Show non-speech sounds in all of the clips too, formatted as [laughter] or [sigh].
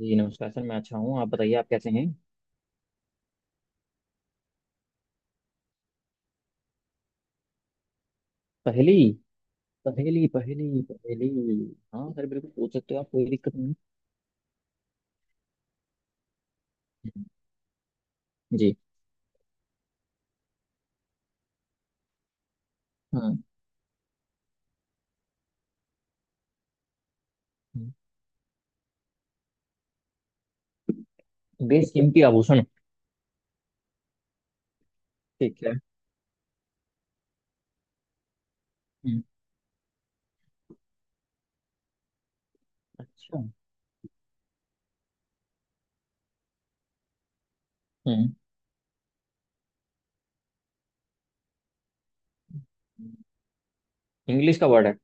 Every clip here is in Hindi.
जी नमस्कार सर। मैं अच्छा हूँ। आप बताइए आप कैसे हैं। पहेली। पहेली पहेली पहेली। हाँ सर, बिल्कुल पूछ सकते हो आप, कोई दिक्कत नहीं। हम्म। जी। हाँ। बेशकीमती आभूषण। ठीक है। हम्म। अच्छा। हम्म। इंग्लिश का वर्ड है।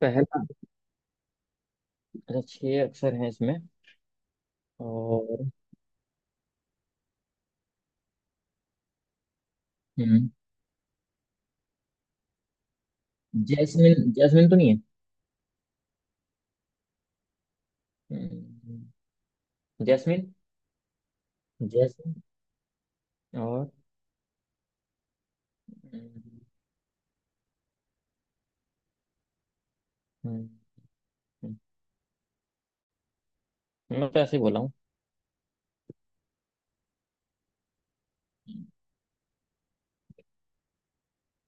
पहला। अच्छा, छह अक्षर हैं इसमें। और। हम्म। जैस्मिन। जैस्मिन तो नहीं है? हम्म। जैस्मिन। जैस्मिन। और। हम्म। हम्म। हम्म। मैं तो ऐसे ही बोला हूँ।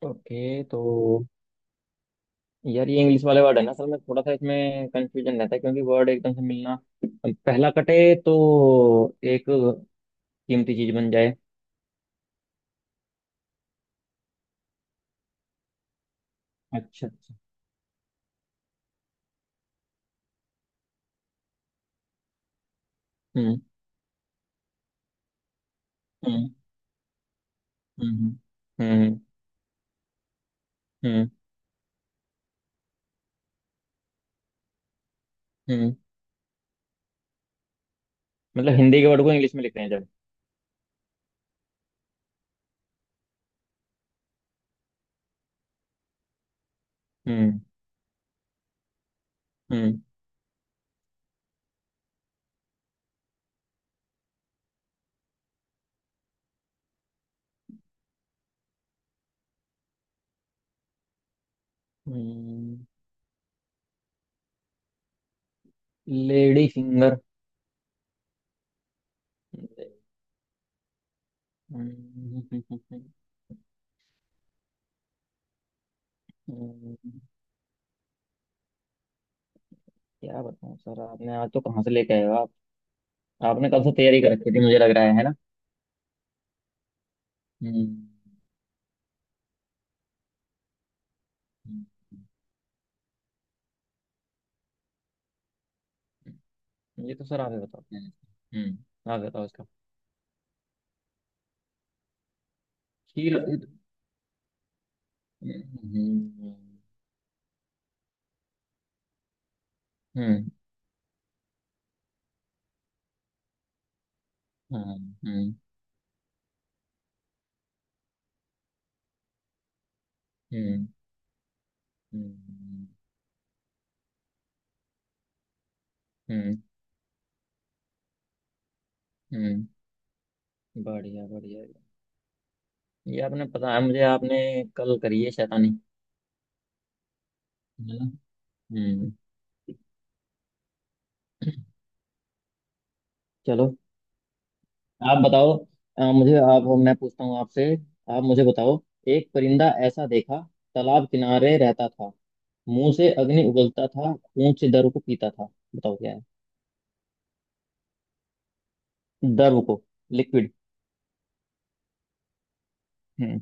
ओके तो। यार, ये इंग्लिश वाले वर्ड है ना, असल में थोड़ा सा इसमें कंफ्यूजन रहता है, क्योंकि वर्ड एकदम से मिलना। पहला कटे तो एक कीमती चीज बन जाए। अच्छा अच्छा। हम्म। हम्म। हम्म। हम्म। हम्म। हम्म। मतलब हिंदी के वर्ड को इंग्लिश में लिख रहे हैं जब। हम्म। हम्म। हम्म। Lady finger. क्या बताऊं सर, आपने आज तो कहाँ से लेके आए हो आप। आपने कब से तैयारी कर रखी थी, मुझे लग रहा है ना। हम्म। हम्म। हम्म। ये तो सर आप ही बताओ। हम्म, आप बताओ इसका। हील। हम्म। हम्म। हम्म। हम्म। हम्म। हम्म। बढ़िया बढ़िया। ये आपने, पता है मुझे, आपने कल करी है शैतानी, है ना। हम्म। चलो आप बताओ। मुझे आप, मैं पूछता हूँ आपसे। आप मुझे बताओ। एक परिंदा ऐसा देखा, तालाब किनारे रहता था। मुंह से अग्नि उगलता था, खून से द्रव को पीता था। बताओ क्या है। द्रव को। लिक्विड। हम्म।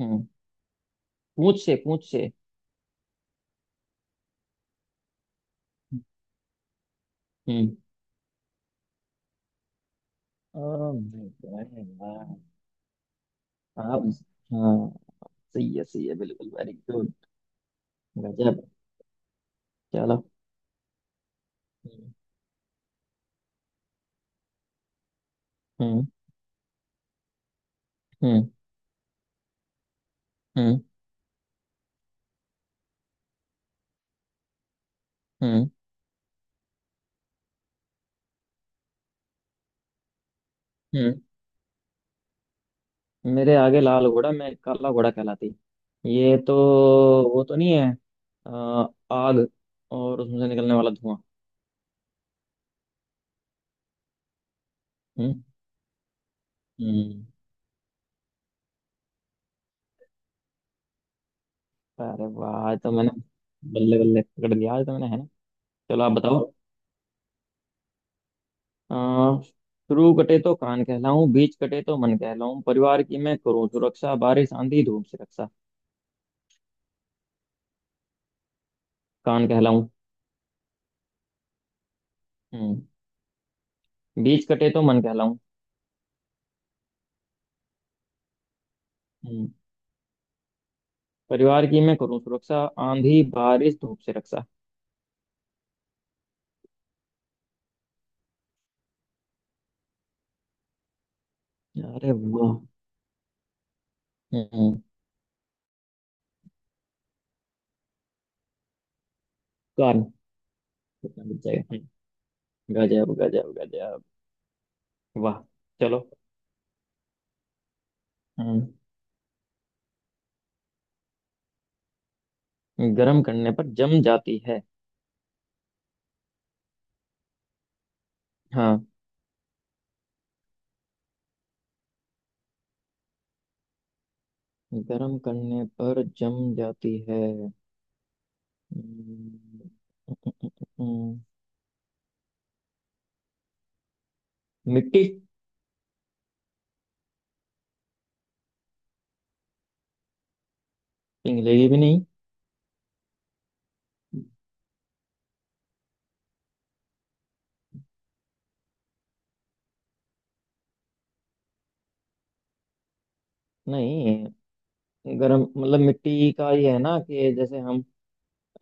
हम्म। पूछ से, पूछ से। हम्म। हाँ। उस- हाँ। सही है, सही है, बिल्कुल वेरी गुड। गजब। चलो। हम्म। हम्म। हम्म। हम्म। हम्म। मेरे आगे लाल घोड़ा, मैं काला घोड़ा कहलाती। ये तो वो तो नहीं है। अ, आग और उसमें से निकलने वाला धुआं। हम्म। हम्म। अरे वाह, आज तो मैंने बल्ले बल्ले पकड़ लिया, आज तो मैंने, है ना। चलो आप बताओ। अ, शुरू कटे तो कान कहलाऊं, बीच कटे तो मन कहलाऊं, परिवार की मैं करूं सुरक्षा, बारिश आंधी धूप से रक्षा। कान कहलाऊं। हम्म। बीच कटे तो मन कहलाऊं। हम्म। परिवार की मैं करूं सुरक्षा, आंधी बारिश धूप से रक्षा। अरे वाह। हम्म। कान। कितना बच जाएगा? हम्म। गजब गजब गजब। वाह। चलो। हम्म। गर्म करने पर जम जाती है। हाँ, गर्म करने पर जम जाती है। हम्म। मिट्टी। पिघलेगी भी नहीं। नहीं, गरम मतलब मिट्टी का ये है ना, कि जैसे हम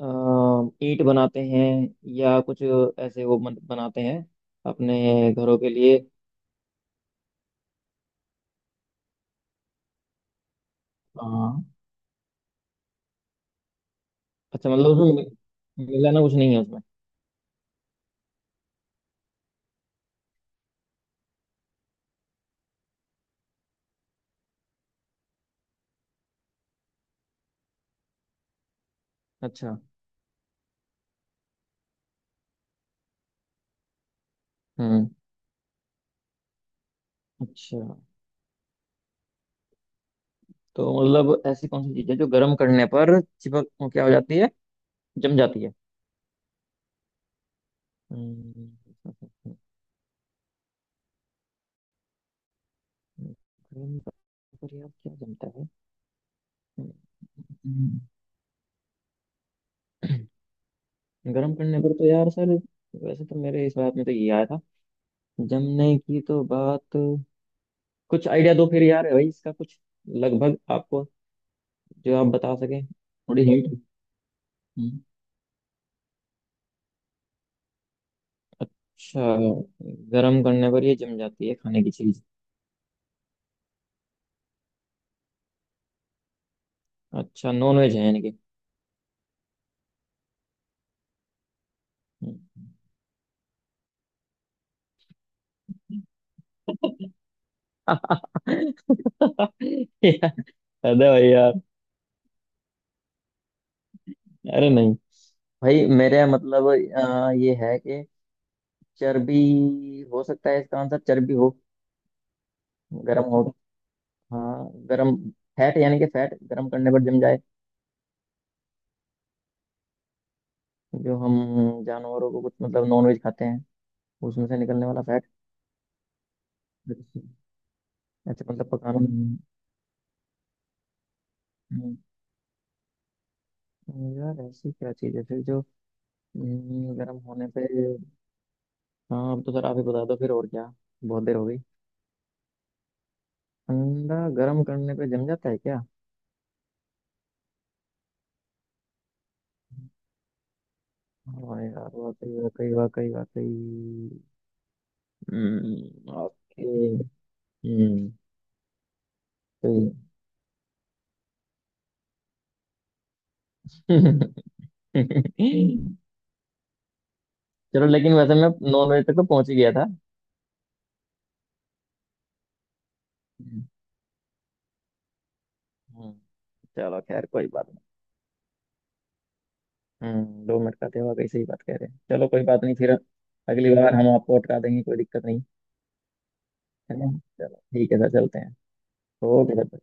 अ, ईंट बनाते हैं, या कुछ ऐसे वो बनाते हैं अपने घरों के लिए। हाँ। अच्छा, मतलब उसमें मिलाना कुछ नहीं है उसमें? अच्छा। हम्म। अच्छा। तो मतलब ऐसी कौन सी चीज है जो गर्म करने पर चिपक, वो क्या हो जाती है, जम जाती है। हम्म। [laughs] गर्म पर, यार क्या जमता है। हम्म। गर्म करने पर तो यार सर, वैसे तो मेरे इस बात में तो ये आया था, जमने की तो बात। कुछ आइडिया दो फिर यार भाई, इसका कुछ लगभग आपको, जो आप बता सकें, थोड़ी हिंट। अच्छा। गर्म करने पर ये जम जाती है, खाने की चीज। अच्छा, नॉन वेज है यानी कि। [laughs] यार। अरे भाई यार। अरे नहीं, भाई मेरे, मतलब ये है कि चर्बी हो सकता है इसका आंसर, चर्बी हो गर्म हो तो। हाँ, गरम। फैट, यानी कि फैट गरम करने पर जम जाए। जो हम जानवरों को, कुछ मतलब, नॉनवेज खाते हैं, उसमें से निकलने वाला फैट। अच्छा। अच्छा मतलब पकाना। हम्म। हम्म। यार, ऐसी क्या चीज़ है फिर जो गर्म होने पे। हाँ, अब तो सर आप ही बता दो फिर, और क्या, बहुत देर हो गई। अंडा? गर्म करने पे जम जाता है क्या? हाँ यार, वाकई वाकई वाकई वाकई। हम्म। ओके। हम्म। सही है। [laughs] चलो, लेकिन वैसे मैं नॉन वेज तक तो पहुंच ही गया था। हम्म। हम्म। चलो खैर, कोई बात नहीं। हम्म, 2 मिनट का थे, वाकई सही बात कह रहे हैं। चलो कोई बात नहीं फिर। अगली बार हम आपको अटका देंगे, कोई दिक्कत नहीं, है ना। चलो ठीक है सर, चलते हैं। Okay sir.